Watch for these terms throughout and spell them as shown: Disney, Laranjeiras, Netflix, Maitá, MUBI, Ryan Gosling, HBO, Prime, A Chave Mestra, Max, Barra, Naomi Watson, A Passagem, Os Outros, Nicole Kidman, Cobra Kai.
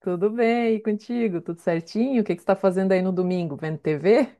Tudo bem, e contigo? Tudo certinho? O que que você está fazendo aí no domingo? Vendo TV?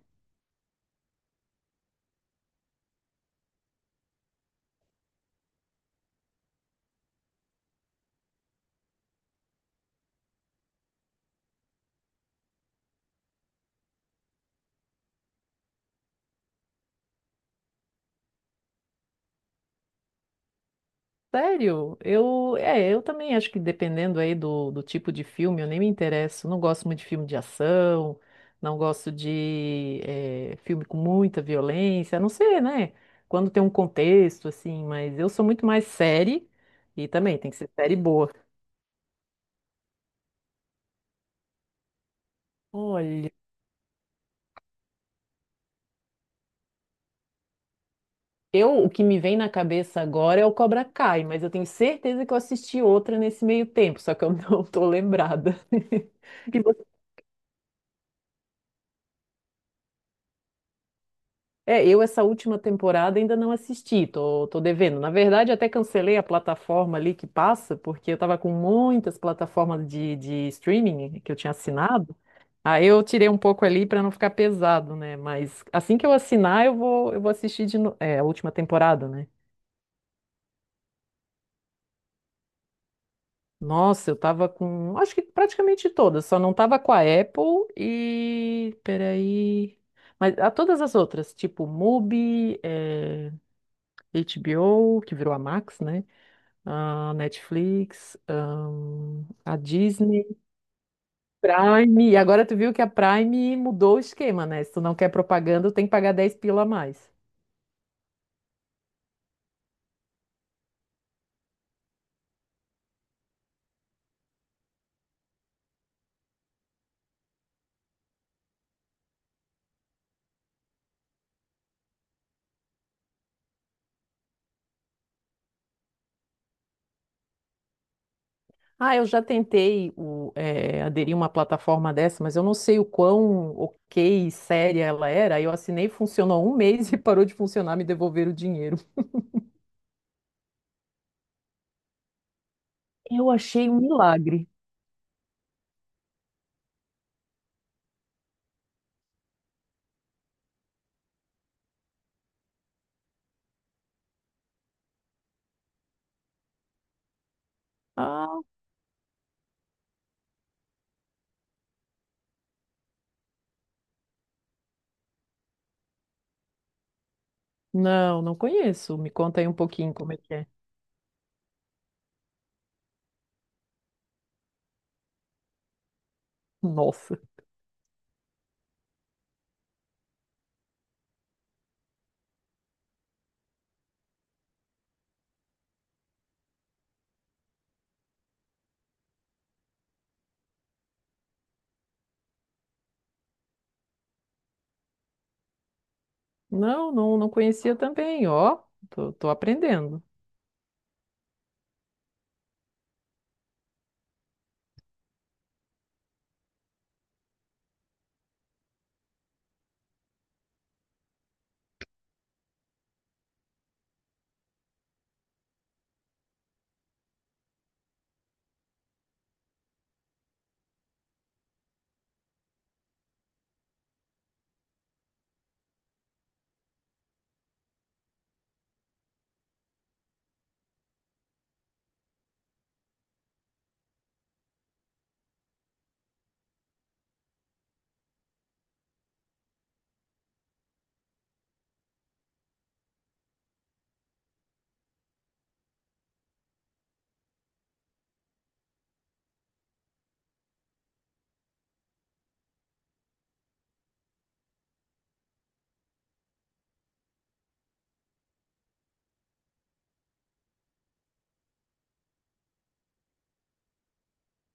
Sério? Eu também acho que dependendo aí do tipo de filme, eu nem me interesso. Não gosto muito de filme de ação, não gosto de filme com muita violência, a não ser, né? Quando tem um contexto, assim, mas eu sou muito mais série e também tem que ser série boa. Olha. O que me vem na cabeça agora é o Cobra Kai, mas eu tenho certeza que eu assisti outra nesse meio tempo, só que eu não tô lembrada. E você- É, eu essa última temporada ainda não assisti, tô devendo. Na verdade, até cancelei a plataforma ali que passa, porque eu tava com muitas plataformas de streaming que eu tinha assinado. Aí eu tirei um pouco ali pra não ficar pesado, né? Mas assim que eu assinar, eu vou assistir de no... é, a última temporada, né? Nossa, eu tava com, acho que praticamente todas, só não tava com a Apple e, peraí, mas a todas as outras, tipo MUBI, HBO, que virou a Max, né? A Netflix, a Disney, Prime, e agora tu viu que a Prime mudou o esquema, né? Se tu não quer propaganda, tem que pagar 10 pila a mais. Ah, eu já tentei aderir a uma plataforma dessa, mas eu não sei o quão ok e séria ela era. Aí eu assinei, funcionou um mês e parou de funcionar, me devolveram o dinheiro. Eu achei um milagre. Ah, não, não conheço. Me conta aí um pouquinho como é que é. Nossa. Não, não, não conhecia também, ó. Tô aprendendo.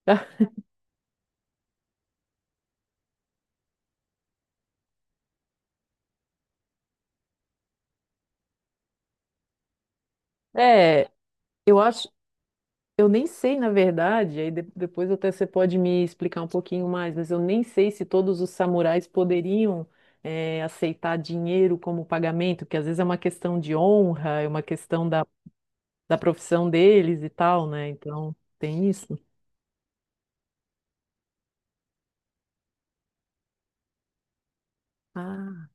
É, eu acho Eu nem sei, na verdade, aí depois até você pode me explicar um pouquinho mais, mas eu nem sei se todos os samurais poderiam aceitar dinheiro como pagamento, que às vezes é uma questão de honra, é uma questão da profissão deles e tal, né? Então, tem isso. Ah.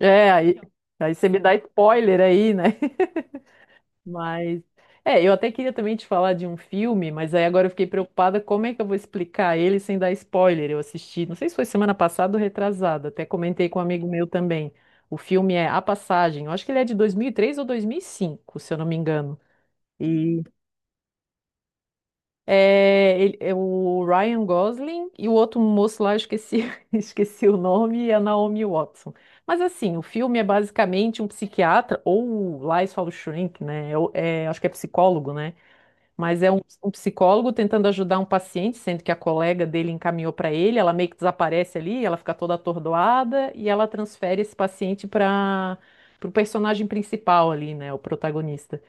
É, aí você me dá spoiler aí, né? Mas eu até queria também te falar de um filme, mas aí agora eu fiquei preocupada como é que eu vou explicar ele sem dar spoiler. Eu assisti, não sei se foi semana passada ou retrasada, até comentei com um amigo meu também. O filme é A Passagem. Eu acho que ele é de 2003 ou 2005, se eu não me engano. E é o Ryan Gosling e o outro moço lá, eu esqueci, esqueci o nome, e a Naomi Watson. Mas assim, o filme é basicamente um psiquiatra, ou lá eles falam shrink, né? Acho que é psicólogo, né? Mas é um psicólogo tentando ajudar um paciente, sendo que a colega dele encaminhou para ele, ela meio que desaparece ali, ela fica toda atordoada e ela transfere esse paciente para o personagem principal ali, né, o protagonista.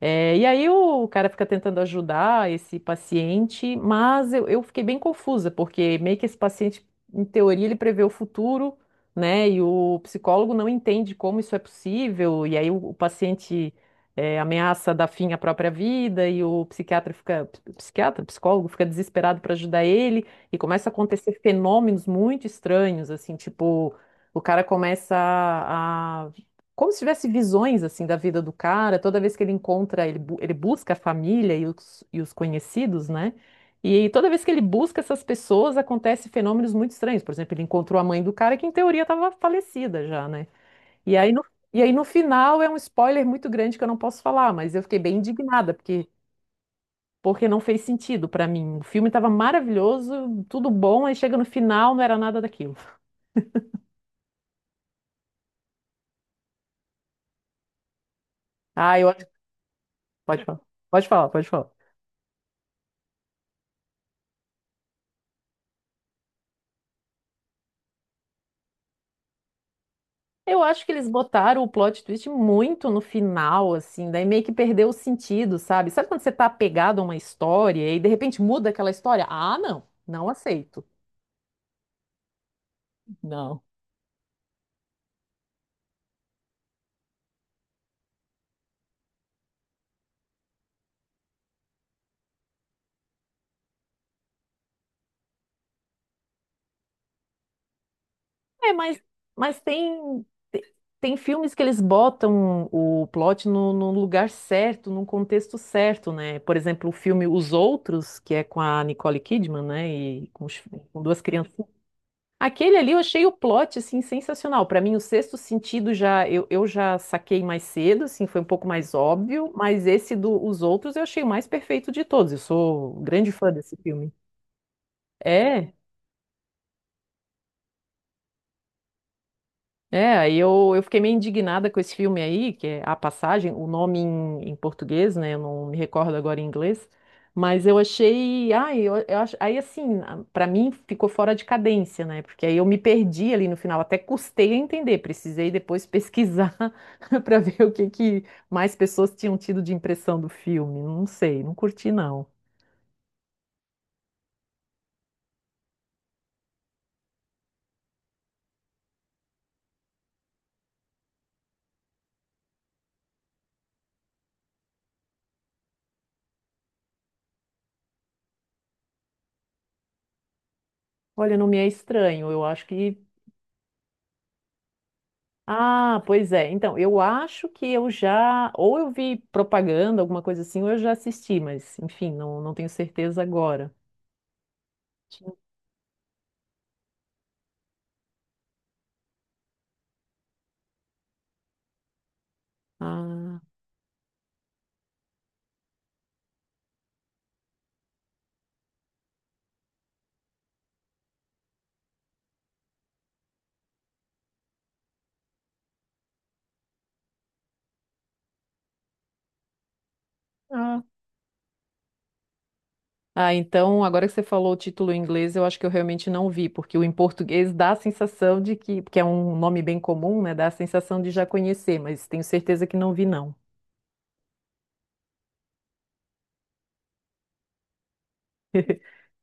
É, e aí o cara fica tentando ajudar esse paciente, mas eu fiquei bem confusa, porque meio que esse paciente, em teoria, ele prevê o futuro, né? E o psicólogo não entende como isso é possível, e aí o paciente ameaça dar fim à própria vida, e o psiquiatra fica, psiquiatra, psicólogo fica desesperado para ajudar ele, e começa a acontecer fenômenos muito estranhos, assim, tipo, o cara começa a como se tivesse visões assim da vida do cara, toda vez que ele encontra, ele busca a família e os conhecidos, né? E toda vez que ele busca essas pessoas, acontece fenômenos muito estranhos. Por exemplo, ele encontrou a mãe do cara que em teoria estava falecida já, né? E aí no, e aí no final é um spoiler muito grande que eu não posso falar, mas eu fiquei bem indignada porque não fez sentido pra mim. O filme estava maravilhoso, tudo bom, aí chega no final, não era nada daquilo. Ah, eu acho. Pode falar. Pode falar, pode falar. Eu acho que eles botaram o plot twist muito no final, assim, daí meio que perdeu o sentido, sabe? Sabe quando você tá apegado a uma história e de repente muda aquela história? Ah, não, não aceito. Não. É, mas te- tem filmes que eles botam o plot no lugar certo, num contexto certo, né? Por exemplo, o filme Os Outros, que é com a Nicole Kidman, né? E com duas crianças. Aquele ali eu achei o plot, assim, sensacional. Para mim, o Sexto Sentido já eu já saquei mais cedo, assim, foi um pouco mais óbvio, mas esse dos Os Outros eu achei o mais perfeito de todos. Eu sou grande fã desse filme. É? É, aí eu fiquei meio indignada com esse filme aí, que é A Passagem, o nome em português, né? Eu não me recordo agora em inglês, mas eu achei. Ai, eu acho, aí assim, pra mim ficou fora de cadência, né? Porque aí eu me perdi ali no final, até custei a entender, precisei depois pesquisar pra ver o que que mais pessoas tinham tido de impressão do filme. Não sei, não curti não. Olha, não me é estranho, eu acho que. Ah, pois é. Então, eu acho que eu já, ou eu vi propaganda, alguma coisa assim, ou eu já assisti, mas enfim, não, não tenho certeza agora. Sim. Ah, ah. Ah, então, agora que você falou o título em inglês, eu acho que eu realmente não vi, porque o em português dá a sensação de que, porque é um nome bem comum, né? Dá a sensação de já conhecer, mas tenho certeza que não vi, não.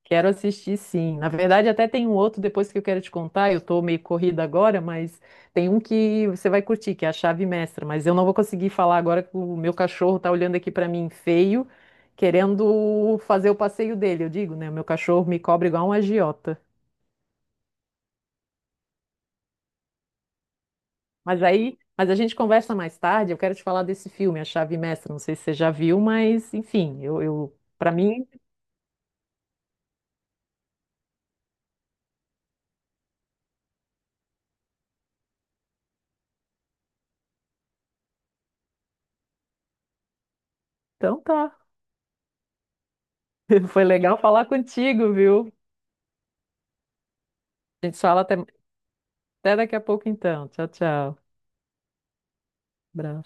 Quero assistir, sim. Na verdade, até tem um outro depois que eu quero te contar. Eu tô meio corrida agora, mas tem um que você vai curtir, que é a Chave Mestra. Mas eu não vou conseguir falar agora que o meu cachorro tá olhando aqui pra mim feio, querendo fazer o passeio dele. Eu digo, né? O meu cachorro me cobra igual um agiota. Mas aí, mas a gente conversa mais tarde. Eu quero te falar desse filme, A Chave Mestra. Não sei se você já viu, mas enfim, eu para mim, então tá. Foi legal falar contigo, viu? A gente fala até daqui a pouco, então. Tchau, tchau. Bravo.